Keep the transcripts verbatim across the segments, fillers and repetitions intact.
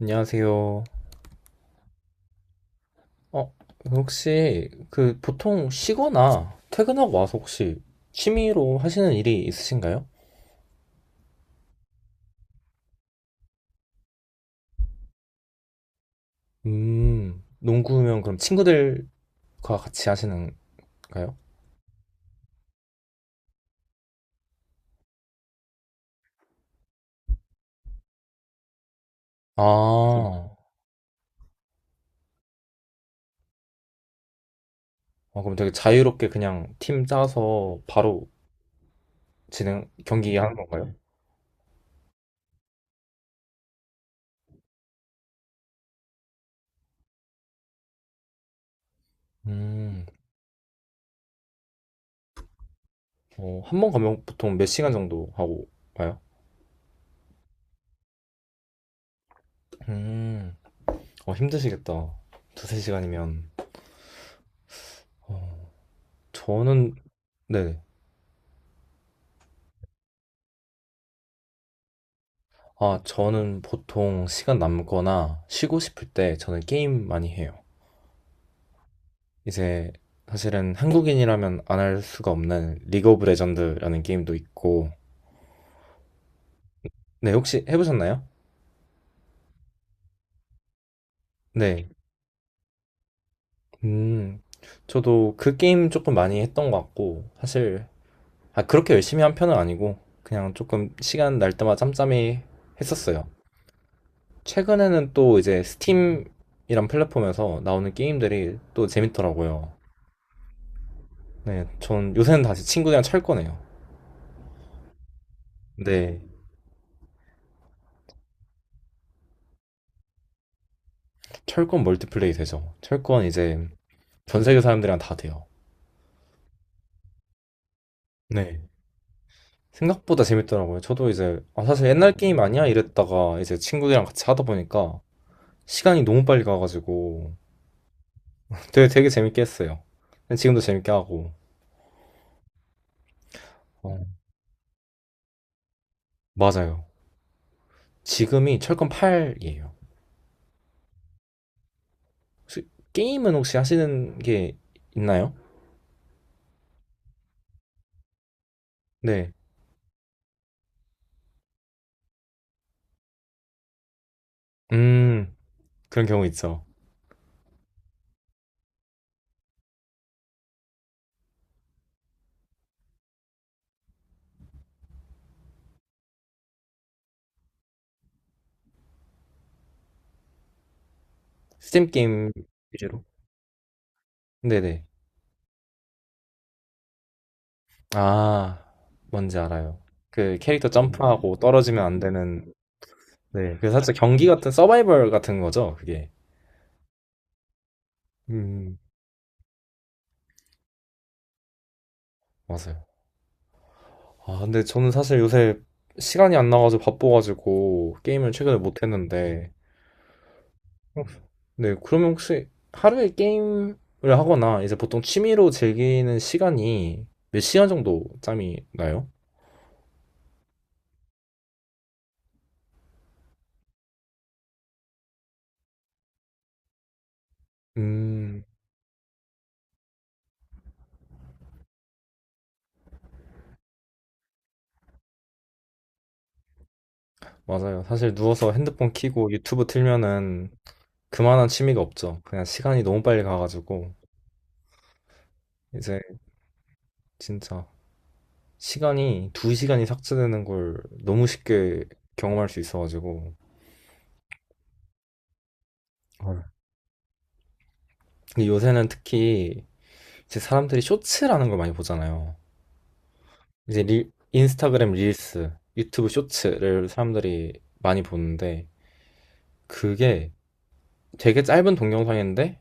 안녕하세요. 어, 혹시 그 보통 쉬거나 퇴근하고 와서 혹시 취미로 하시는 일이 있으신가요? 음, 농구면 그럼 친구들과 같이 하시는가요? 아, 어, 그럼 되게 자유롭게 그냥 팀 짜서 바로 진행, 경기 하는 건가요? 음, 어, 한 번 가면 보통 몇 시간 정도 하고 가요? 음, 어, 힘드시겠다. 두세 시간이면. 어, 저는, 네. 아, 저는 보통 시간 남거나 쉬고 싶을 때 저는 게임 많이 해요. 이제 사실은 한국인이라면 안 할 수가 없는 리그 오브 레전드라는 게임도 있고. 네, 혹시 해보셨나요? 네. 음, 저도 그 게임 조금 많이 했던 것 같고, 사실, 아, 그렇게 열심히 한 편은 아니고, 그냥 조금 시간 날 때마다 짬짬이 했었어요. 최근에는 또 이제 스팀이란 플랫폼에서 나오는 게임들이 또 재밌더라고요. 네, 전 요새는 다시 친구들이랑 철거네요. 네. 철권 멀티플레이 되죠. 철권 이제 전 세계 사람들이랑 다 돼요. 네. 생각보다 재밌더라고요. 저도 이제 아, 사실 옛날 게임 아니야 이랬다가 이제 친구들이랑 같이 하다 보니까 시간이 너무 빨리 가가지고 되게 되게 재밌게 했어요. 근데 지금도 재밌게 하고. 어, 맞아요. 지금이 철권 팔이에요. 혹시 게임은 혹시 하시는 게 있나요? 네. 음, 그런 경우 있죠. 스팀 게임 위주로. 네네. 아, 뭔지 알아요. 그 캐릭터 음, 점프하고 떨어지면 안 되는, 네. 그 살짝 경기 같은 서바이벌 같은 거죠, 그게. 음, 맞아요. 아, 근데 저는 사실 요새 시간이 안 나가지고 바빠가지고 게임을 최근에 못 했는데, 네, 그러면 혹시 하루에 게임을 하거나 이제 보통 취미로 즐기는 시간이 몇 시간 정도 짬이 나요? 음, 맞아요. 사실 누워서 핸드폰 켜고 유튜브 틀면은 그만한 취미가 없죠. 그냥 시간이 너무 빨리 가가지고. 이제 진짜 시간이 두 시간이 삭제되는 걸 너무 쉽게 경험할 수 있어가지고. 헐. 근데 요새는 특히 이제 사람들이 쇼츠라는 걸 많이 보잖아요. 이제 릴, 인스타그램 릴스, 유튜브 쇼츠를 사람들이 많이 보는데 그게 되게 짧은 동영상인데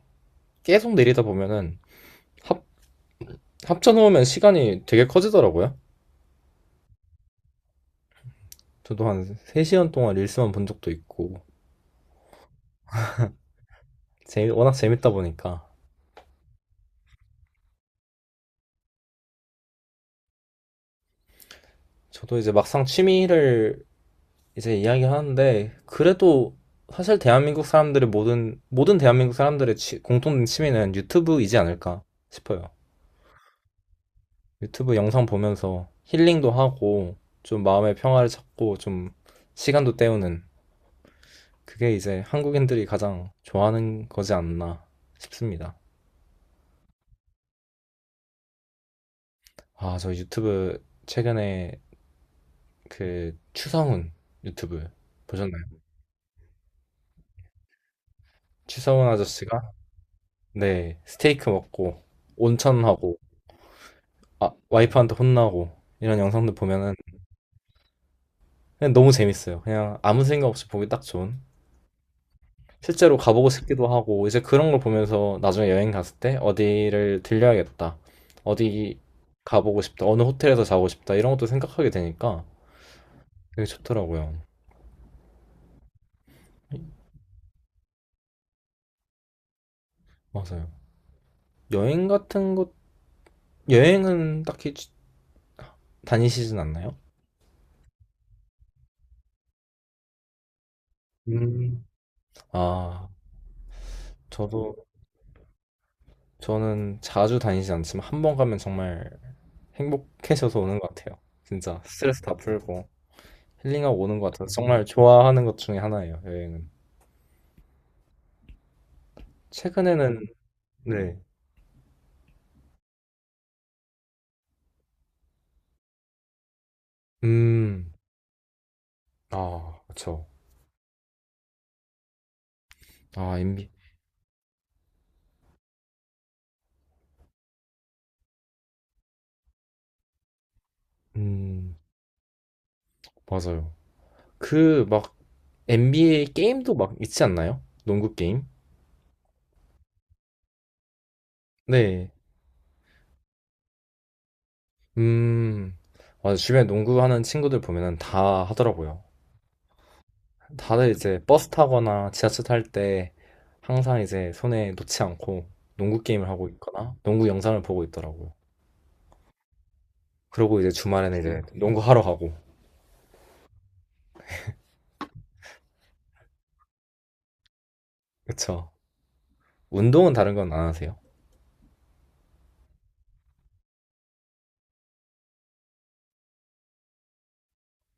계속 내리다 보면은 합, 합쳐놓으면 시간이 되게 커지더라고요. 저도 한 세 시간 동안 릴스만 본 적도 있고 재미, 워낙 재밌다 보니까 저도 이제 막상 취미를 이제 이야기하는데 그래도 사실 대한민국 사람들의 모든 모든 대한민국 사람들의 취- 공통된 취미는 유튜브이지 않을까 싶어요. 유튜브 영상 보면서 힐링도 하고 좀 마음의 평화를 찾고 좀 시간도 때우는 그게 이제 한국인들이 가장 좋아하는 거지 않나 싶습니다. 아, 저 유튜브 최근에 그 추성훈 유튜브 보셨나요? 추성훈 아저씨가 네, 스테이크 먹고 온천하고 아, 와이프한테 혼나고 이런 영상들 보면은 그냥 너무 재밌어요. 그냥 아무 생각 없이 보기 딱 좋은. 실제로 가보고 싶기도 하고 이제 그런 걸 보면서 나중에 여행 갔을 때 어디를 들려야겠다. 어디 가보고 싶다. 어느 호텔에서 자고 싶다. 이런 것도 생각하게 되니까 되게 좋더라고요. 맞아요. 여행 같은 것 여행은 딱히 지- 다니시진 않나요? 음. 아, 저도 저는 자주 다니지 않지만 한 번 가면 정말 행복해져서 오는 것 같아요. 진짜 스트레스 다 풀고 힐링하고 오는 것 같아서 정말 좋아하는 것 중에 하나예요, 여행은. 최근에는, 네. 음, 아, 그쵸. 아, 엔비에이. 음, 맞아요. 그, 막, 엔비에이 게임도 막 있지 않나요? 농구 게임? 네. 음, 맞아. 주변에 농구하는 친구들 보면은 다 하더라고요. 다들 이제 버스 타거나 지하철 탈 때 항상 이제 손에 놓지 않고 농구 게임을 하고 있거나 농구 영상을 보고 있더라고요. 그러고 이제 주말에는 이제 농구하러 가고. 그쵸. 운동은 다른 건 안 하세요?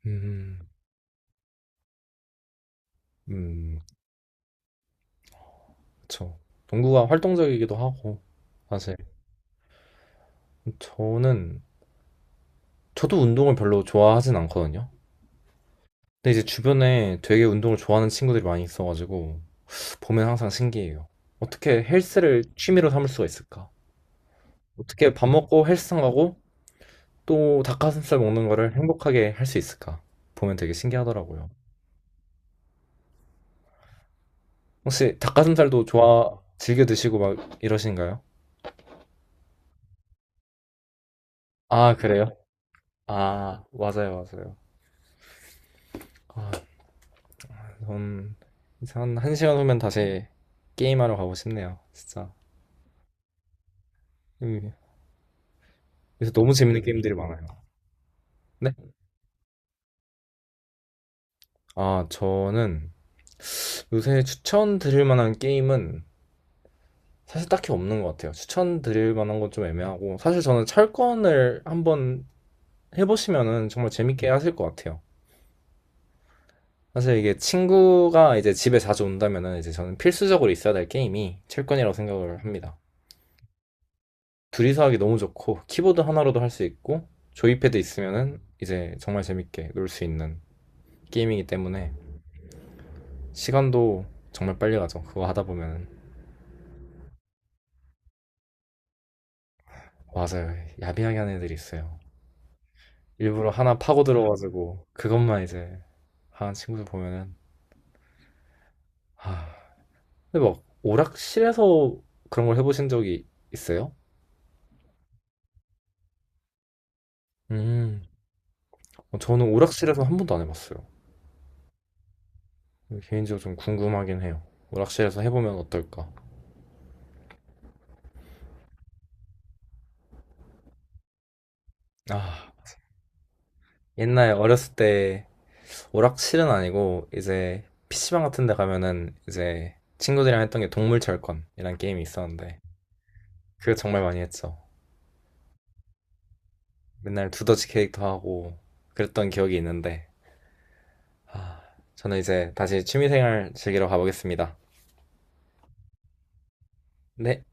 음, 음, 그쵸. 농구가 활동적이기도 하고, 사실. 저는, 저도 운동을 별로 좋아하진 않거든요. 근데 이제 주변에 되게 운동을 좋아하는 친구들이 많이 있어가지고, 보면 항상 신기해요. 어떻게 헬스를 취미로 삼을 수가 있을까? 어떻게 밥 먹고 헬스장 가고, 또 닭가슴살 먹는 거를 행복하게 할 수 있을까? 보면 되게 신기하더라고요. 혹시 닭가슴살도 좋아, 즐겨 드시고 막 이러신가요? 아, 그래요? 아, 맞아요, 맞아요. 아, 전 이제 한, 1 시간 후면 다시 게임하러 가고 싶네요, 진짜. 음, 요새 너무 재밌는 게임들이 많아요. 네? 아, 저는 요새 추천드릴 만한 게임은 사실 딱히 없는 것 같아요. 추천드릴 만한 건 좀 애매하고, 사실 저는 철권을 한번 해보시면은 정말 재밌게 하실 것 같아요. 사실 이게 친구가 이제 집에 자주 온다면은 이제 저는 필수적으로 있어야 될 게임이 첼권이라고 생각을 합니다. 둘이서 하기 너무 좋고 키보드 하나로도 할 수 있고 조이패드 있으면은 이제 정말 재밌게 놀 수 있는 게임이기 때문에 시간도 정말 빨리 가죠. 그거 하다 보면은 맞아요. 야비하게 하는 애들이 있어요. 일부러 하나 파고 들어가지고 그것만 이제 하는 친구들 보면은 아 근데 막 오락실에서 그런 걸 해보신 적이 있어요? 음 저는 오락실에서 한 번도 안 해봤어요. 개인적으로 좀 궁금하긴 해요. 오락실에서 해보면 어떨까? 아, 옛날 어렸을 때 오락실은 아니고 이제 피시방 같은 데 가면은 이제 친구들이랑 했던 게 동물철권이란 게임이 있었는데 그거 정말 많이 했죠. 맨날 두더지 캐릭터 하고 그랬던 기억이 있는데 아, 저는 이제 다시 취미생활 즐기러 가보겠습니다. 네.